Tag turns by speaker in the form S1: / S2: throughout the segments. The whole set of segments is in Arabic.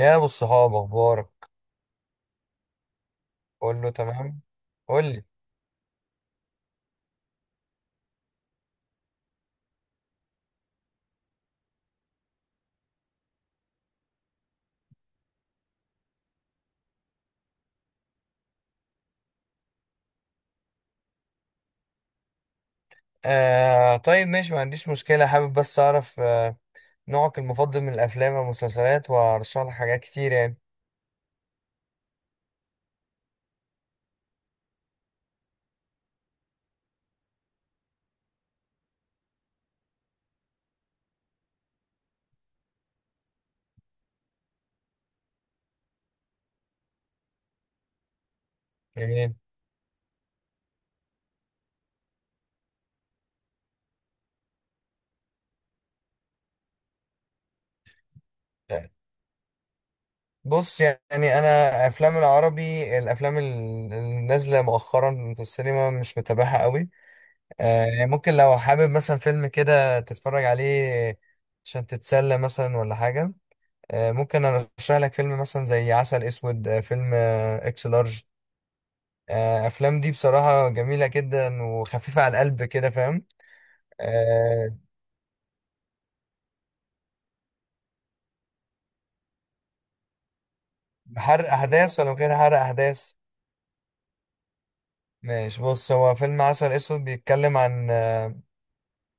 S1: يا ابو الصحاب، اخبارك؟ قول له تمام. قول لي. آه، طيب، ماشي، ما عنديش مشكله، حابب بس اعرف نوعك المفضل من الافلام والمسلسلات، وارشح لك حاجات كتير يعني. جميل. آه، بص يعني انا افلام العربي، الافلام النازله مؤخرا في السينما مش متابعها قوي. يعني ممكن لو حابب مثلا فيلم كده تتفرج عليه عشان تتسلى مثلا ولا حاجه. ممكن ارشح لك فيلم مثلا زي عسل اسود، فيلم اكس لارج. افلام دي بصراحه جميله جدا وخفيفه على القلب كده فاهم. أه حرق احداث ولا من غير حرق احداث؟ ماشي. بص، هو فيلم عسل اسود بيتكلم عن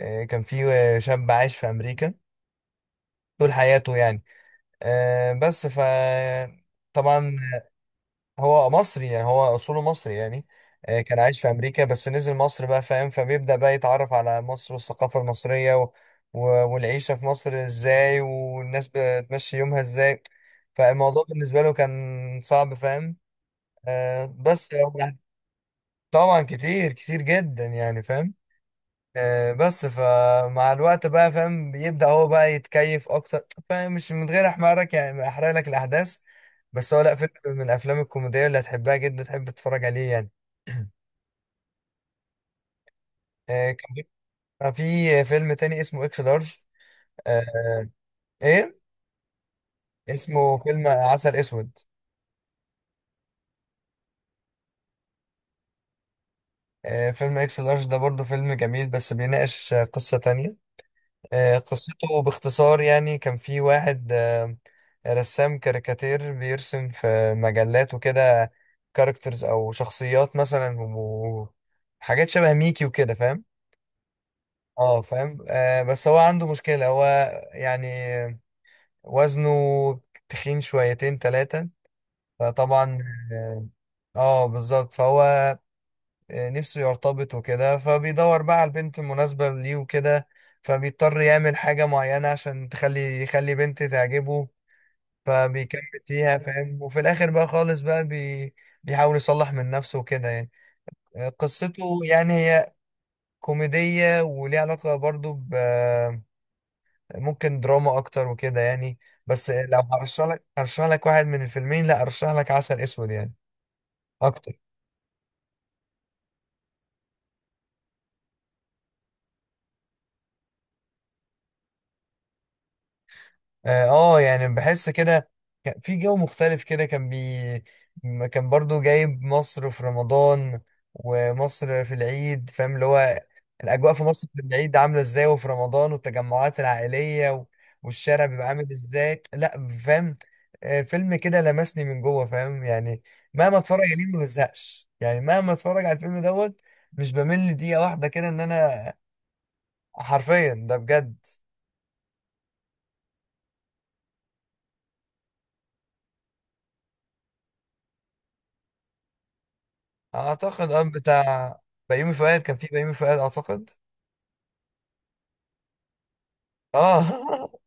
S1: كان في شاب عايش في امريكا طول حياته يعني. أه بس ف طبعا هو مصري يعني، هو اصوله مصري يعني. كان عايش في امريكا بس نزل مصر بقى فاهم. فبيبدأ بقى يتعرف على مصر والثقافة المصرية و... والعيشة في مصر ازاي والناس بتمشي يومها ازاي. فالموضوع بالنسبة له كان صعب فاهم. بس هو طبعا كتير كتير جدا يعني فاهم. بس فمع الوقت بقى فاهم بيبدأ هو بقى يتكيف اكتر فاهم، مش من غير احمرك يعني، ما احرق لك الاحداث. بس هو لا، فيلم من الافلام الكوميديه اللي هتحبها جدا، تحب تتفرج عليه يعني. كان في فيلم تاني اسمه اكس لارج. آه، ايه، اسمه فيلم عسل اسود. فيلم اكس لارج ده برضه فيلم جميل، بس بيناقش قصه تانية. قصته باختصار يعني، كان في واحد رسام كاريكاتير بيرسم في مجلات وكده، كاركترز او شخصيات مثلا، وحاجات شبه ميكي وكده فاهم. اه فاهم. بس هو عنده مشكلة، هو يعني وزنه تخين شويتين تلاتة. فطبعا اه، بالظبط. فهو نفسه يرتبط وكده، فبيدور بقى على البنت المناسبة ليه وكده. فبيضطر يعمل حاجة معينة عشان تخلي يخلي بنت تعجبه. فبيكمل فيها فاهم، وفي الآخر بقى خالص بقى بيحاول يصلح من نفسه وكده يعني. قصته يعني هي كوميدية، وليها علاقة برضو ب ممكن دراما أكتر وكده يعني. بس لو هرشح لك، هرشح لك واحد من الفيلمين، لا أرشح لك عسل أسود يعني أكتر. اه، يعني بحس كده كان في جو مختلف كده، كان برضو جايب مصر في رمضان، ومصر في العيد فاهم، اللي هو الأجواء في مصر في العيد عاملة ازاي، وفي رمضان والتجمعات العائلية، و- والشارع بيبقى عامل ازاي لا فاهم. فيلم كده لمسني من جوه فاهم يعني. مهما اتفرج عليه ما بزهقش يعني، مهما اتفرج على الفيلم دوت مش بمل دقيقة واحدة كده، ان انا حرفيا ده بجد. اعتقد اه، بتاع بيومي فؤاد، كان في بيومي فؤاد اعتقد. اه.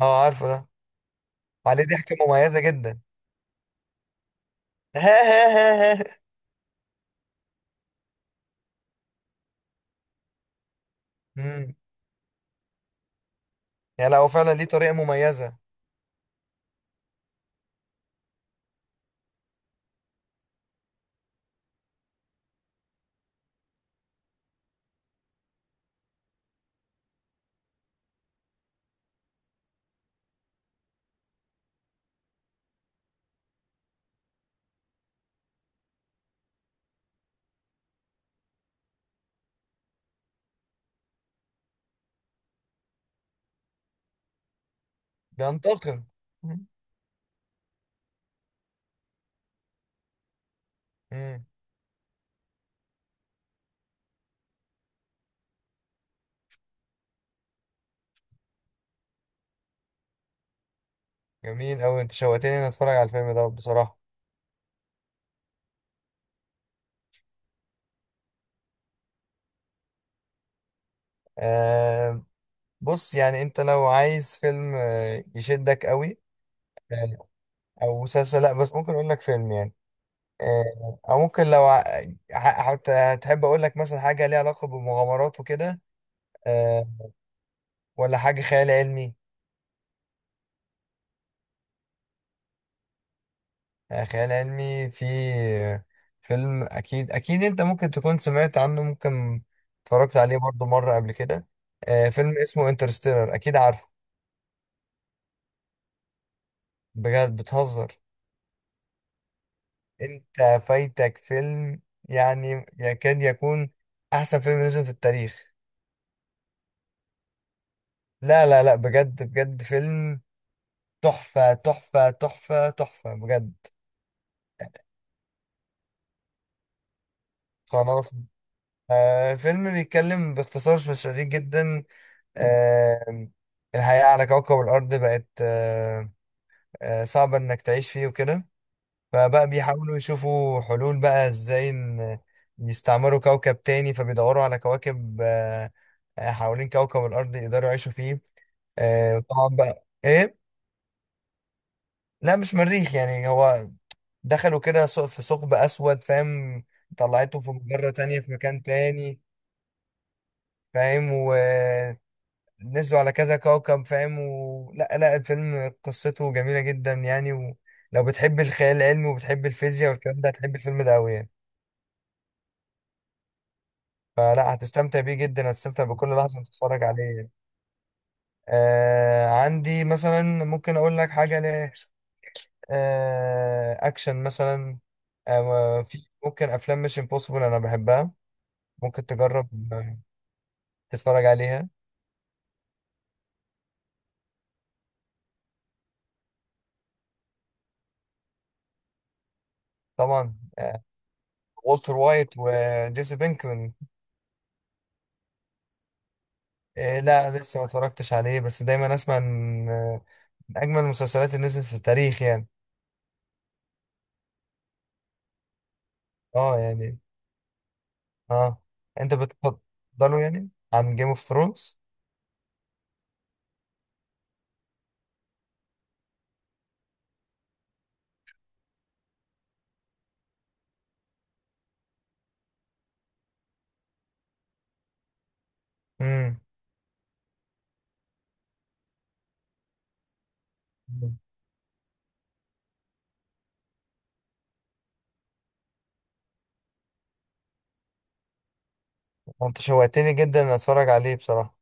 S1: اه، عارفه ده، عليه ضحكه مميزه جدا. امم. يعني لا، هو فعلا ليه طريقه مميزه. بينتقم. امم. جميل قوي، انت شوقتني اني اتفرج على الفيلم ده بصراحه. آه بص، يعني انت لو عايز فيلم يشدك قوي. آه، او مسلسل، لا بس ممكن اقول لك فيلم يعني. او ممكن لو هتحب اقول لك مثلا حاجه ليها علاقه بالمغامرات وكده. آه، ولا حاجة خيال علمي. خيال علمي في آه، فيلم، أكيد أكيد أنت ممكن تكون سمعت عنه، ممكن اتفرجت عليه برضو مرة قبل كده. فيلم اسمه انترستيلر، أكيد عارفه. بجد بتهزر؟ أنت فايتك فيلم يعني يكاد يكون أحسن فيلم نزل في التاريخ. لا لا لا، بجد بجد، فيلم تحفة تحفة تحفة تحفة بجد. خلاص. فيلم بيتكلم باختصار شديد جدا. آم، الحياة على كوكب الأرض بقت صعبة إنك تعيش فيه وكده. فبقى بيحاولوا يشوفوا حلول بقى إزاي إن يستعمروا كوكب تاني، فبيدوروا على كواكب حوالين كوكب الأرض يقدروا يعيشوا فيه. طبعا بقى إيه؟ لا مش مريخ يعني، هو دخلوا كده في ثقب أسود فاهم، طلعته في مجرة تانية في مكان تاني فاهم. نزلوا على كذا كوكب فاهم لا لا، الفيلم قصته جميلة جدا يعني. ولو بتحب الخيال العلمي وبتحب الفيزياء والكلام ده، هتحب الفيلم ده أوي يعني. فلا، هتستمتع بيه جدا، هتستمتع بكل لحظة وأنت بتتفرج عليه يعني. عندي مثلا، ممكن أقول لك حاجة ل آه أكشن مثلا. في ممكن أفلام مش امبوسيبل أنا بحبها. ممكن تجرب تتفرج عليها. طبعا. والتر وايت وجيسي بينكمان. إيه، لا لسه ما اتفرجتش عليه، بس دايما اسمع ان من اجمل المسلسلات اللي نزلت في التاريخ يعني. اه يعني اه. انت بتفضله يعني عن جيم اوف ثرونز؟ امم. انت شوقتني جدا ان اتفرج عليه بصراحة.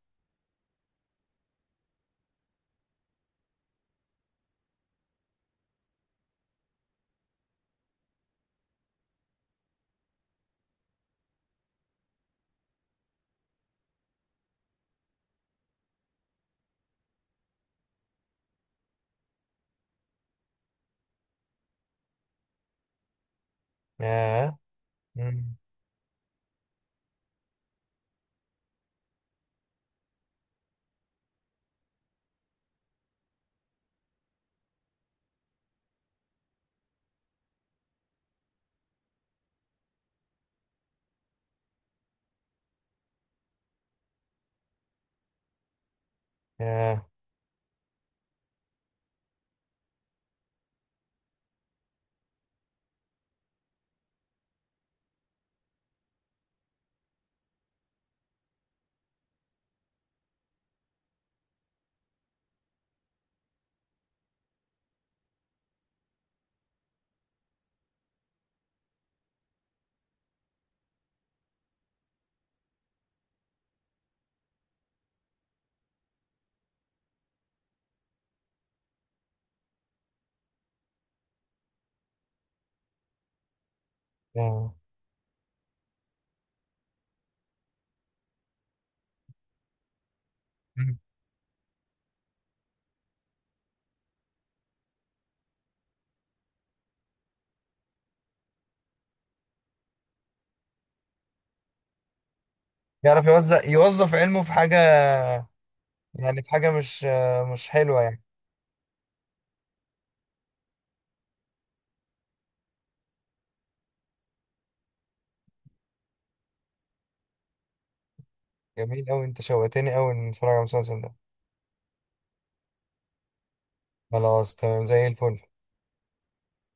S1: ياه. امم. ياه. ياه. مم. يعرف يوزع يوظف علمه في حاجة، يعني في حاجة مش مش حلوة يعني. جميل قوي، انت شوقتني قوي ان اتفرج على المسلسل ده. خلاص تمام زي الفل.